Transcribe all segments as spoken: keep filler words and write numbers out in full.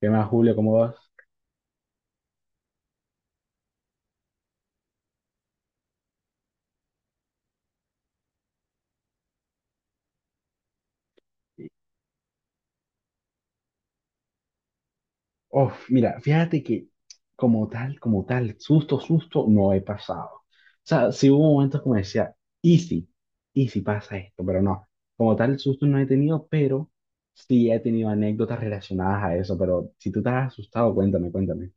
¿Qué más, Julio? ¿Cómo vas? Uf, mira, fíjate que como tal, como tal, susto, susto, no he pasado. O sea, sí hubo momentos como decía, easy, easy pasa esto, pero no. Como tal, susto no he tenido, pero sí he tenido anécdotas relacionadas a eso. Pero si tú estás asustado, cuéntame, cuéntame.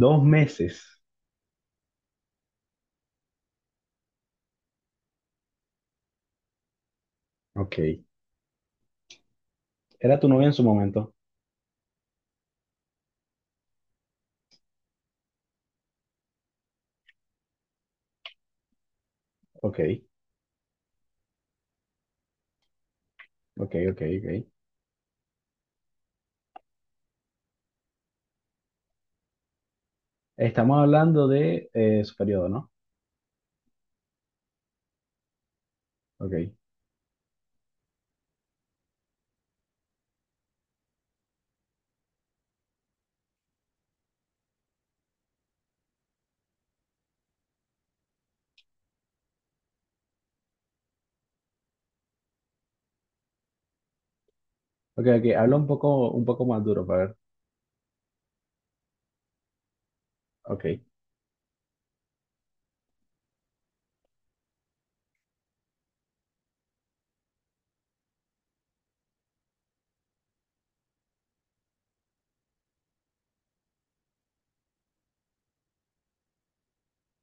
Dos meses. Ok. ¿Era tu novia en su momento? Ok, ok, ok, ok. Estamos hablando de eh, su periodo, ¿no? Ok. Ok, ok. Habla un poco, un poco más duro para ver. Ok.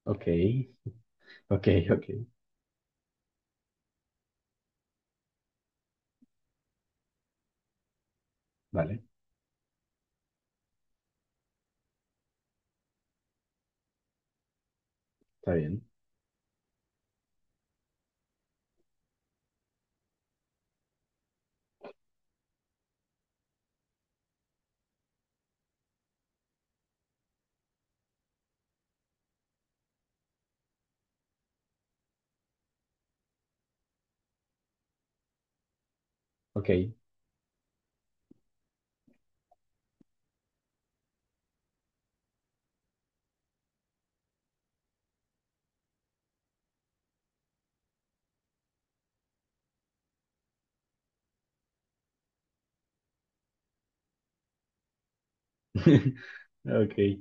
Ok, ok, ok, vale, está bien, ok, ok,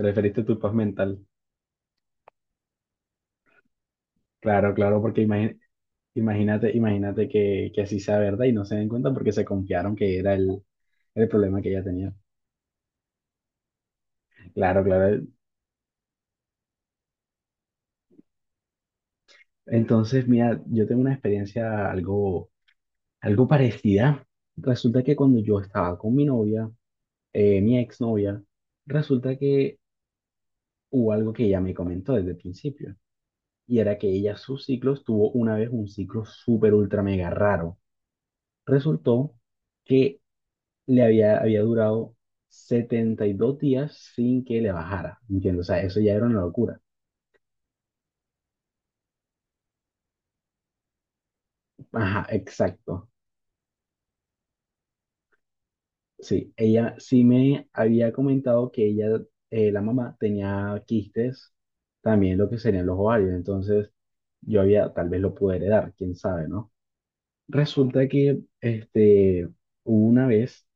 preferiste tu paz mental, claro, claro, porque imagi- imagínate, imagínate que, que así sea verdad y no se den cuenta porque se confiaron que era el, el problema que ella tenía, claro, claro, entonces, mira, yo tengo una experiencia algo, algo parecida, resulta que cuando yo estaba con mi novia, eh, mi exnovia, resulta que hubo algo que ella me comentó desde el principio. Y era que ella sus ciclos tuvo una vez un ciclo súper ultra mega raro. Resultó que le había, había durado setenta y dos días sin que le bajara, ¿entiendes? O sea, eso ya era una locura. Ajá, exacto. Sí, ella sí me había comentado que ella, eh, la mamá, tenía quistes, también lo que serían los ovarios, entonces yo había, tal vez lo pude heredar, quién sabe, ¿no? Resulta que, este, hubo una vez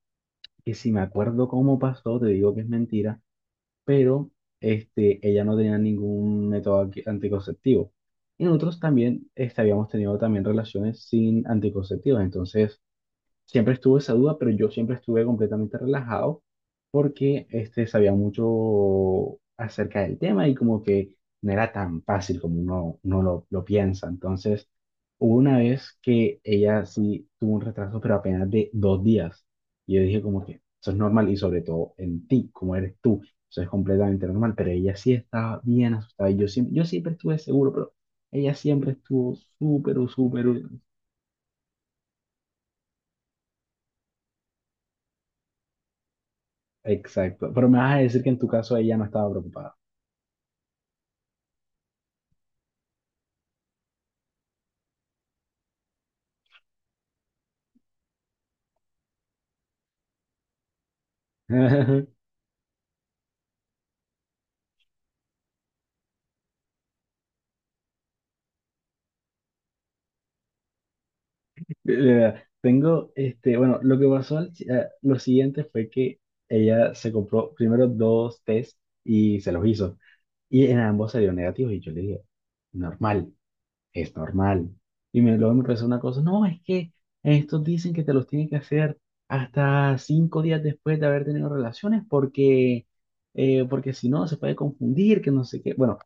que si me acuerdo cómo pasó, te digo que es mentira, pero este, ella no tenía ningún método anti- anticonceptivo. Y nosotros también este, habíamos tenido también relaciones sin anticonceptivos, entonces siempre estuvo esa duda, pero yo siempre estuve completamente relajado porque este, sabía mucho acerca del tema y como que no era tan fácil como uno, uno lo, lo piensa. Entonces, hubo una vez que ella sí tuvo un retraso, pero apenas de dos días. Y yo dije como que eso es normal y sobre todo en ti, como eres tú, eso es completamente normal, pero ella sí estaba bien asustada y yo siempre, yo siempre estuve seguro, pero ella siempre estuvo súper, súper. Exacto, pero me vas a decir que en tu caso ella no estaba preocupada. Eh, Tengo, este, bueno, lo que pasó, al- si, eh, lo siguiente fue que ella se compró primero dos test y se los hizo. Y en ambos salieron negativos y yo le dije, normal. Es normal. Y me, luego me empezó una cosa, no, es que estos dicen que te los tienen que hacer hasta cinco días después de haber tenido relaciones porque, eh, porque si no se puede confundir, que no sé qué. Bueno,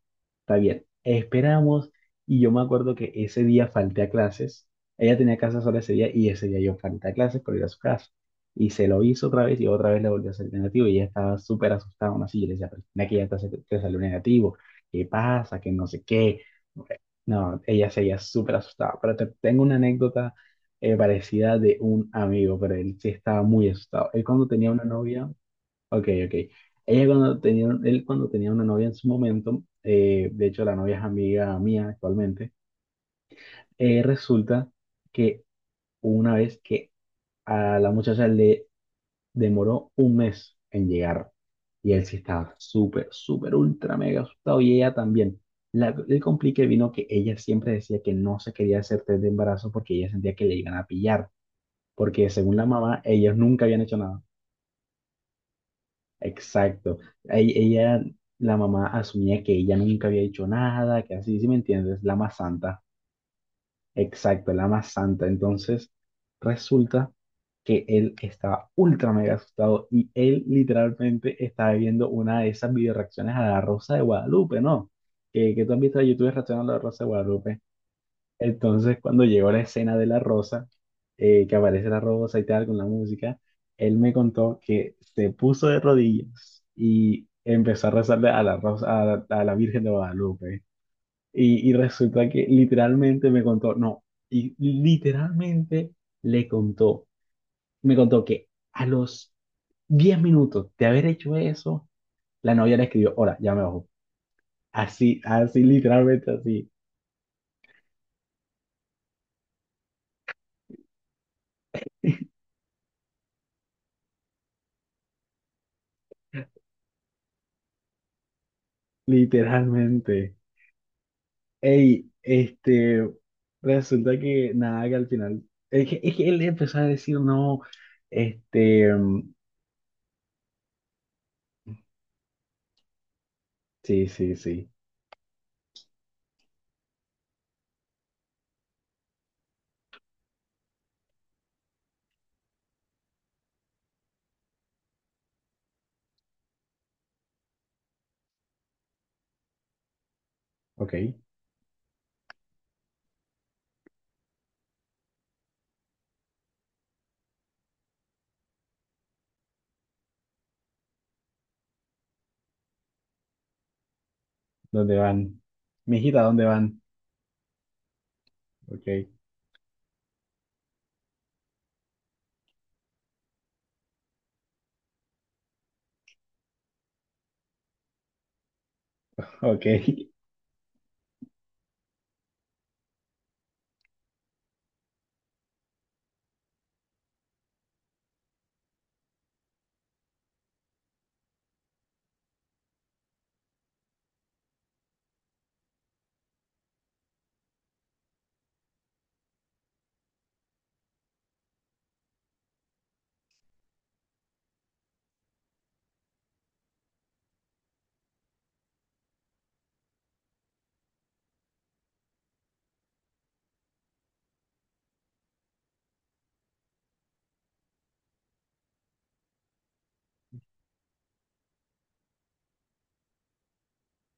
está bien, esperamos y yo me acuerdo que ese día falté a clases, ella tenía casa sola ese día y ese día yo falté a clases por ir a su casa. Y se lo hizo otra vez y otra vez le volvió a salir negativo y ella estaba súper asustada, aún así yo le decía, pero mira que ya te, hace- te salió negativo, ¿qué pasa? Que no sé qué no, ella seguía súper asustada, pero te- tengo una anécdota eh, parecida de un amigo, pero él sí estaba muy asustado. Él cuando tenía una novia, ok, ok. Ella cuando tenía, él cuando tenía una novia en su momento, eh, de hecho la novia es amiga mía actualmente, eh, resulta que una vez que a la muchacha le demoró un mes en llegar. Y él sí estaba súper, súper, ultra, mega asustado. Y ella también. La- el complique vino que ella siempre decía que no se quería hacer test de embarazo porque ella sentía que le iban a pillar. Porque según la mamá, ellos nunca habían hecho nada. Exacto. E- Ella, la mamá asumía que ella nunca había hecho nada, que así, ¿sí me entiendes? La más santa. Exacto, la más santa. Entonces, resulta que él estaba ultra mega asustado y él literalmente estaba viendo una de esas video reacciones a la Rosa de Guadalupe, ¿no? Que, que tú has visto de YouTube reaccionando a la Rosa de Guadalupe. Entonces, cuando llegó la escena de la Rosa, eh, que aparece la Rosa y tal con la música, él me contó que se puso de rodillas y empezó a rezarle a la Rosa, a la a la Virgen de Guadalupe. Y, y resulta que literalmente me contó, no, y literalmente le contó, me contó que a los diez minutos de haber hecho eso, la novia le escribió, hola, ya me bajo. Así, así, literalmente así, literalmente. Ey, este, resulta que nada, que al final, es que, es que él empezó a decir, no, este, mm, sí, sí, sí, ok, ¿dónde van? Mi hijita, ¿dónde van? Ok, ok.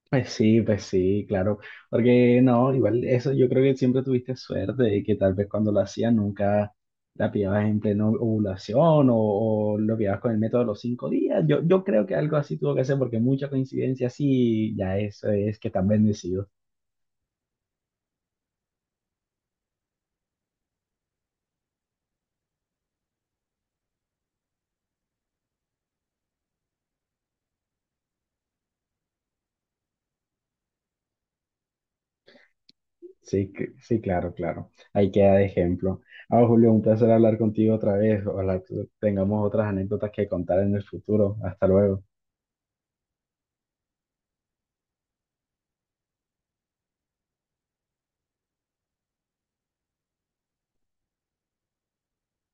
Pues sí, pues sí, claro. Porque no, igual eso yo creo que siempre tuviste suerte y que tal vez cuando lo hacías nunca la pillabas en pleno ovulación o, o lo pillabas con el método de los cinco días. Yo, yo creo que algo así tuvo que ser porque mucha coincidencia sí, ya eso es que están bendecidos. Sí, que- sí, claro, claro. Ahí queda de ejemplo. Ah, Julio, un placer hablar contigo otra vez. Ojalá tú- tengamos otras anécdotas que contar en el futuro. Hasta luego.